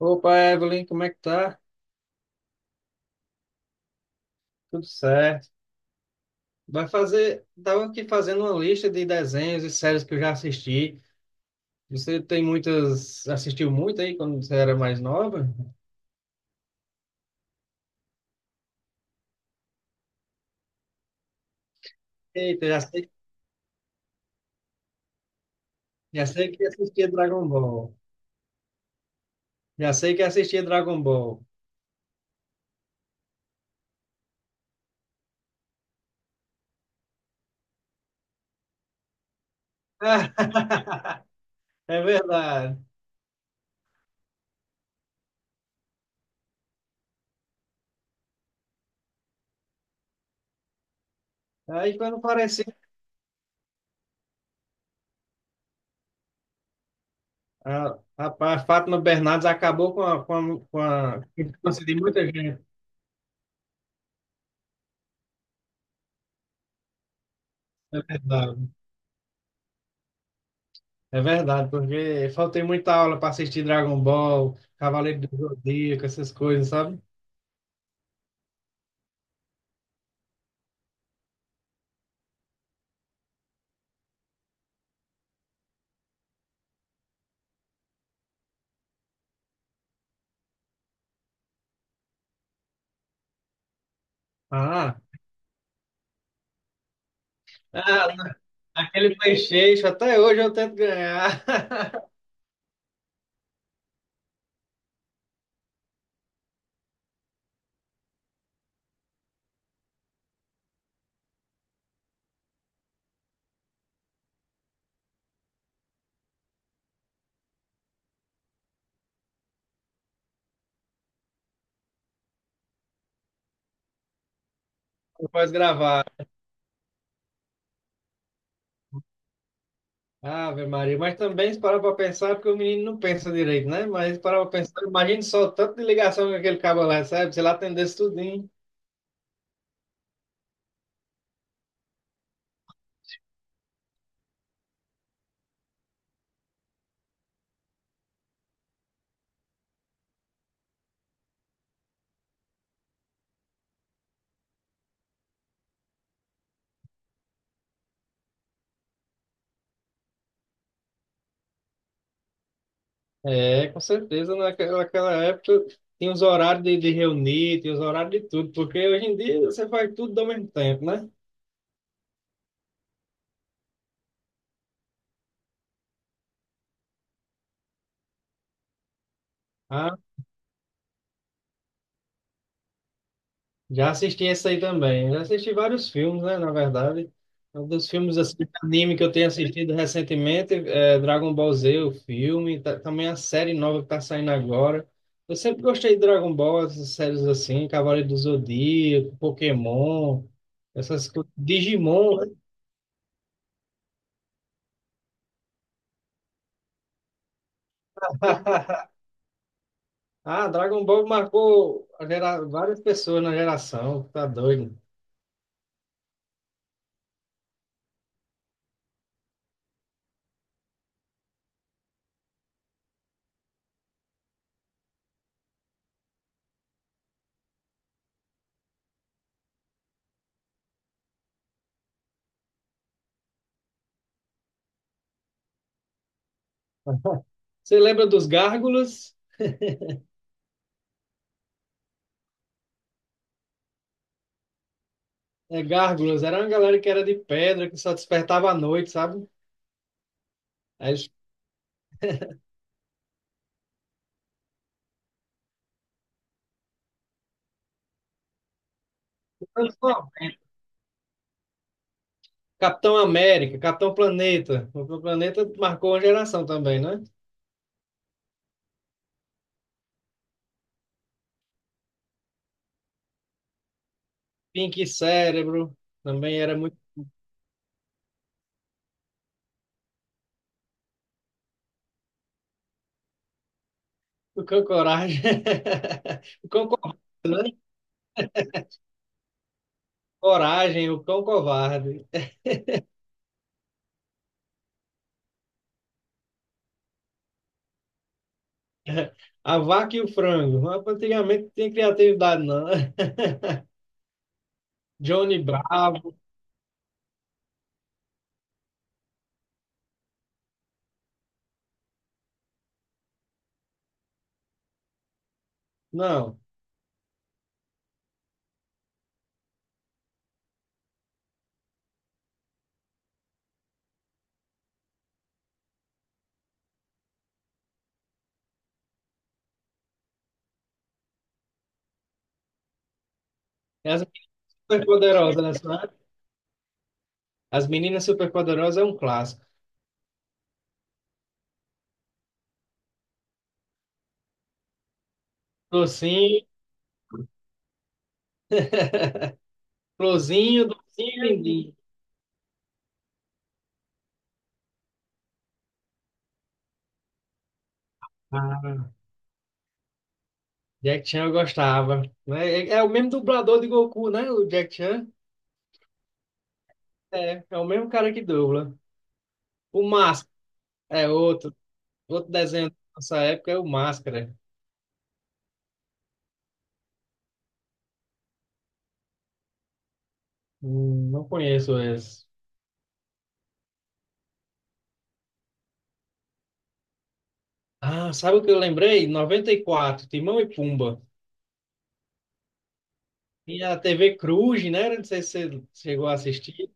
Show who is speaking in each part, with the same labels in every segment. Speaker 1: Opa, Evelyn, como é que tá? Tudo certo. Vai fazer, tava aqui fazendo uma lista de desenhos e séries que eu já assisti. Você tem muitas, assistiu muito aí quando você era mais nova? Eita, já sei que assistia Dragon Ball. Já sei que assistia Dragon Ball. É verdade. Aí quando parecia, a Fátima Bernardes acabou com a infância de muita gente. É verdade. É verdade, porque faltei muita aula para assistir Dragon Ball, Cavaleiro do Zodíaco, essas coisas, sabe? Ah, ah, aquele PlayStation, até hoje eu tento ganhar. Não pode gravar. Ave Maria, mas também se parar para pensar, é porque o menino não pensa direito, né? Mas se parar para pensar, imagine só o tanto de ligação que aquele cabo lá recebe, se ele atendesse tudinho. É, com certeza, naquela época tinha os horários de reunir, tinha os horários de tudo, porque hoje em dia você faz tudo ao mesmo tempo, né? Já assisti esse aí também. Já assisti vários filmes, né? Na verdade, é um dos filmes assim, de anime que eu tenho assistido recentemente é Dragon Ball Z, o filme, também a série nova que tá saindo agora. Eu sempre gostei de Dragon Ball, essas séries assim, Cavaleiro do Zodíaco, Pokémon, essas coisas, Digimon, né? Ah, Dragon Ball marcou a várias pessoas na geração, tá doido. Você lembra dos Gárgulas? É, Gárgulas, era uma galera que era de pedra, que só despertava à noite, sabe? Aí os anos Capitão América, Capitão Planeta. O Capitão Planeta marcou uma geração também, né? Pink Cérebro também era muito o Cão Coragem. O Cão Covarde, né? Coragem, o Cão Covarde. A Vaca e o Frango. Mas antigamente não tinha criatividade, não, né? Johnny Bravo. Não. As meninas superpoderosas, né, senhora? As meninas superpoderosas é um clássico. Docinho, Flozinho, Docinho e Lindinho. Jack Chan eu gostava, né? É, é o mesmo dublador de Goku, né? O Jack Chan é, é o mesmo cara que dubla. O Máscara é outro desenho da nossa época é o Máscara. Não conheço esse. Ah, sabe o que eu lembrei? 94, Timão e Pumba. Tinha a TV Cruz, né? Não sei se você chegou a assistir.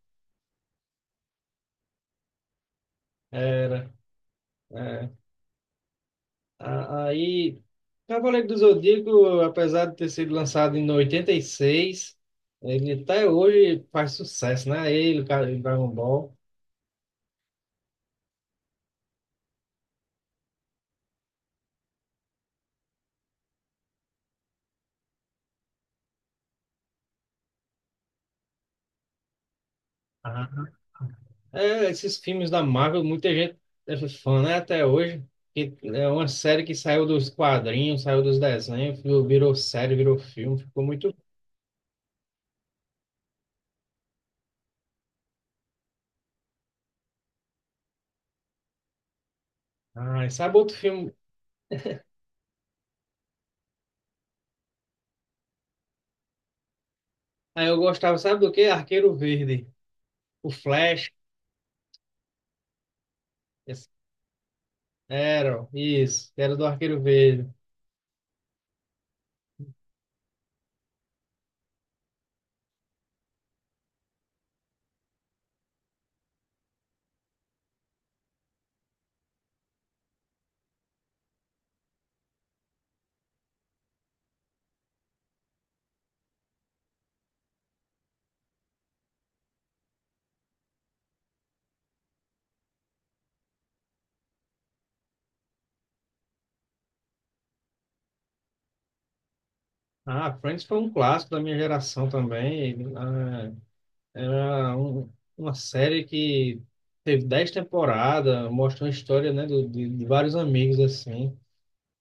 Speaker 1: Era. É. Aí, Cavaleiro do Zodíaco, apesar de ter sido lançado em 86, ele até hoje faz sucesso, né? Ele, o cara, o Dragon Ball. Aham. É, esses filmes da Marvel, muita gente é fã, né? Até hoje. Que é uma série que saiu dos quadrinhos, saiu dos desenhos, virou série, virou filme, ficou muito. Ah, e sabe outro filme? Aí eu gostava, sabe do quê? Arqueiro Verde. O Flash. Esse- era, isso, era do Arqueiro Verde. Ah, Friends foi um clássico da minha geração também. Ah, era uma série que teve 10 temporadas, mostrou a história, né, de vários amigos, assim.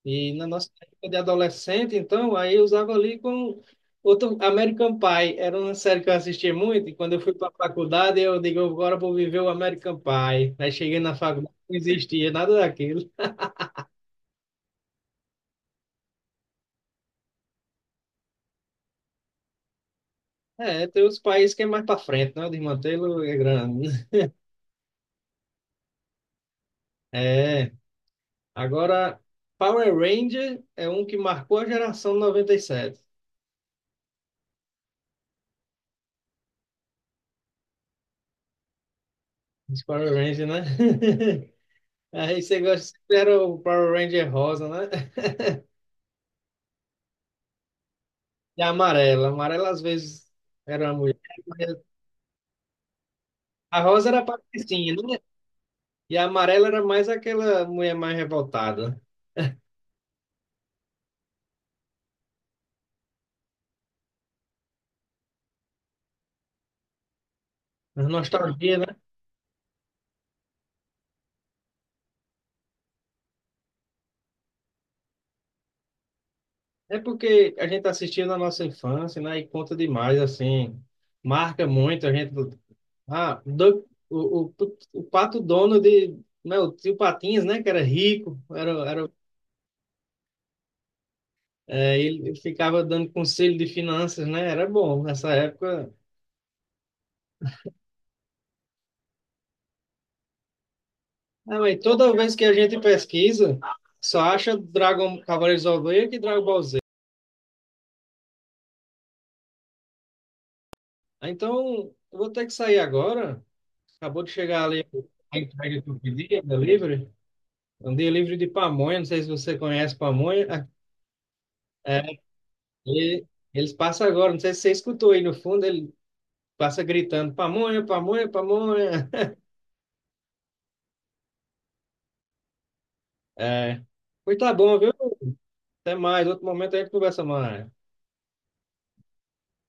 Speaker 1: E na nossa época de adolescente, então, aí eu usava ali com outro American Pie. Era uma série que eu assistia muito, e quando eu fui para a faculdade, eu digo, agora eu vou viver o American Pie. Aí cheguei na faculdade, não existia nada daquilo. É, tem os países que é mais para frente, né? O desmantelo é grande. É. Agora, Power Ranger é um que marcou a geração 97. Os Power Rangers, né? Aí você gosta, era o Power Ranger rosa, né? E a amarela. A amarela às vezes era a mulher. Mas a rosa era a patricinha, né? E a amarela era mais aquela mulher mais revoltada. A nostalgia, né? É porque a gente assistiu na nossa infância, né? E conta demais, assim. Marca muito a gente. Ah, do, o pato dono de, né, o tio Patinhas, né, que era rico, era, era, é, ele ficava dando conselho de finanças, né, era bom nessa época. Ah, mas toda vez que a gente pesquisa, só acha Dragon Cavaleiros do Zodíaco e Dragon Ball Z. Ah, então, eu vou ter que sair agora. Acabou de chegar ali a entrega que eu pedi, a delivery. É um delivery de pamonha, não sei se você conhece pamonha. É, e eles passam agora, não sei se você escutou aí no fundo, ele passa gritando, pamonha, pamonha, pamonha. É. Pois tá bom, viu? Até mais. Outro momento a gente conversa mais.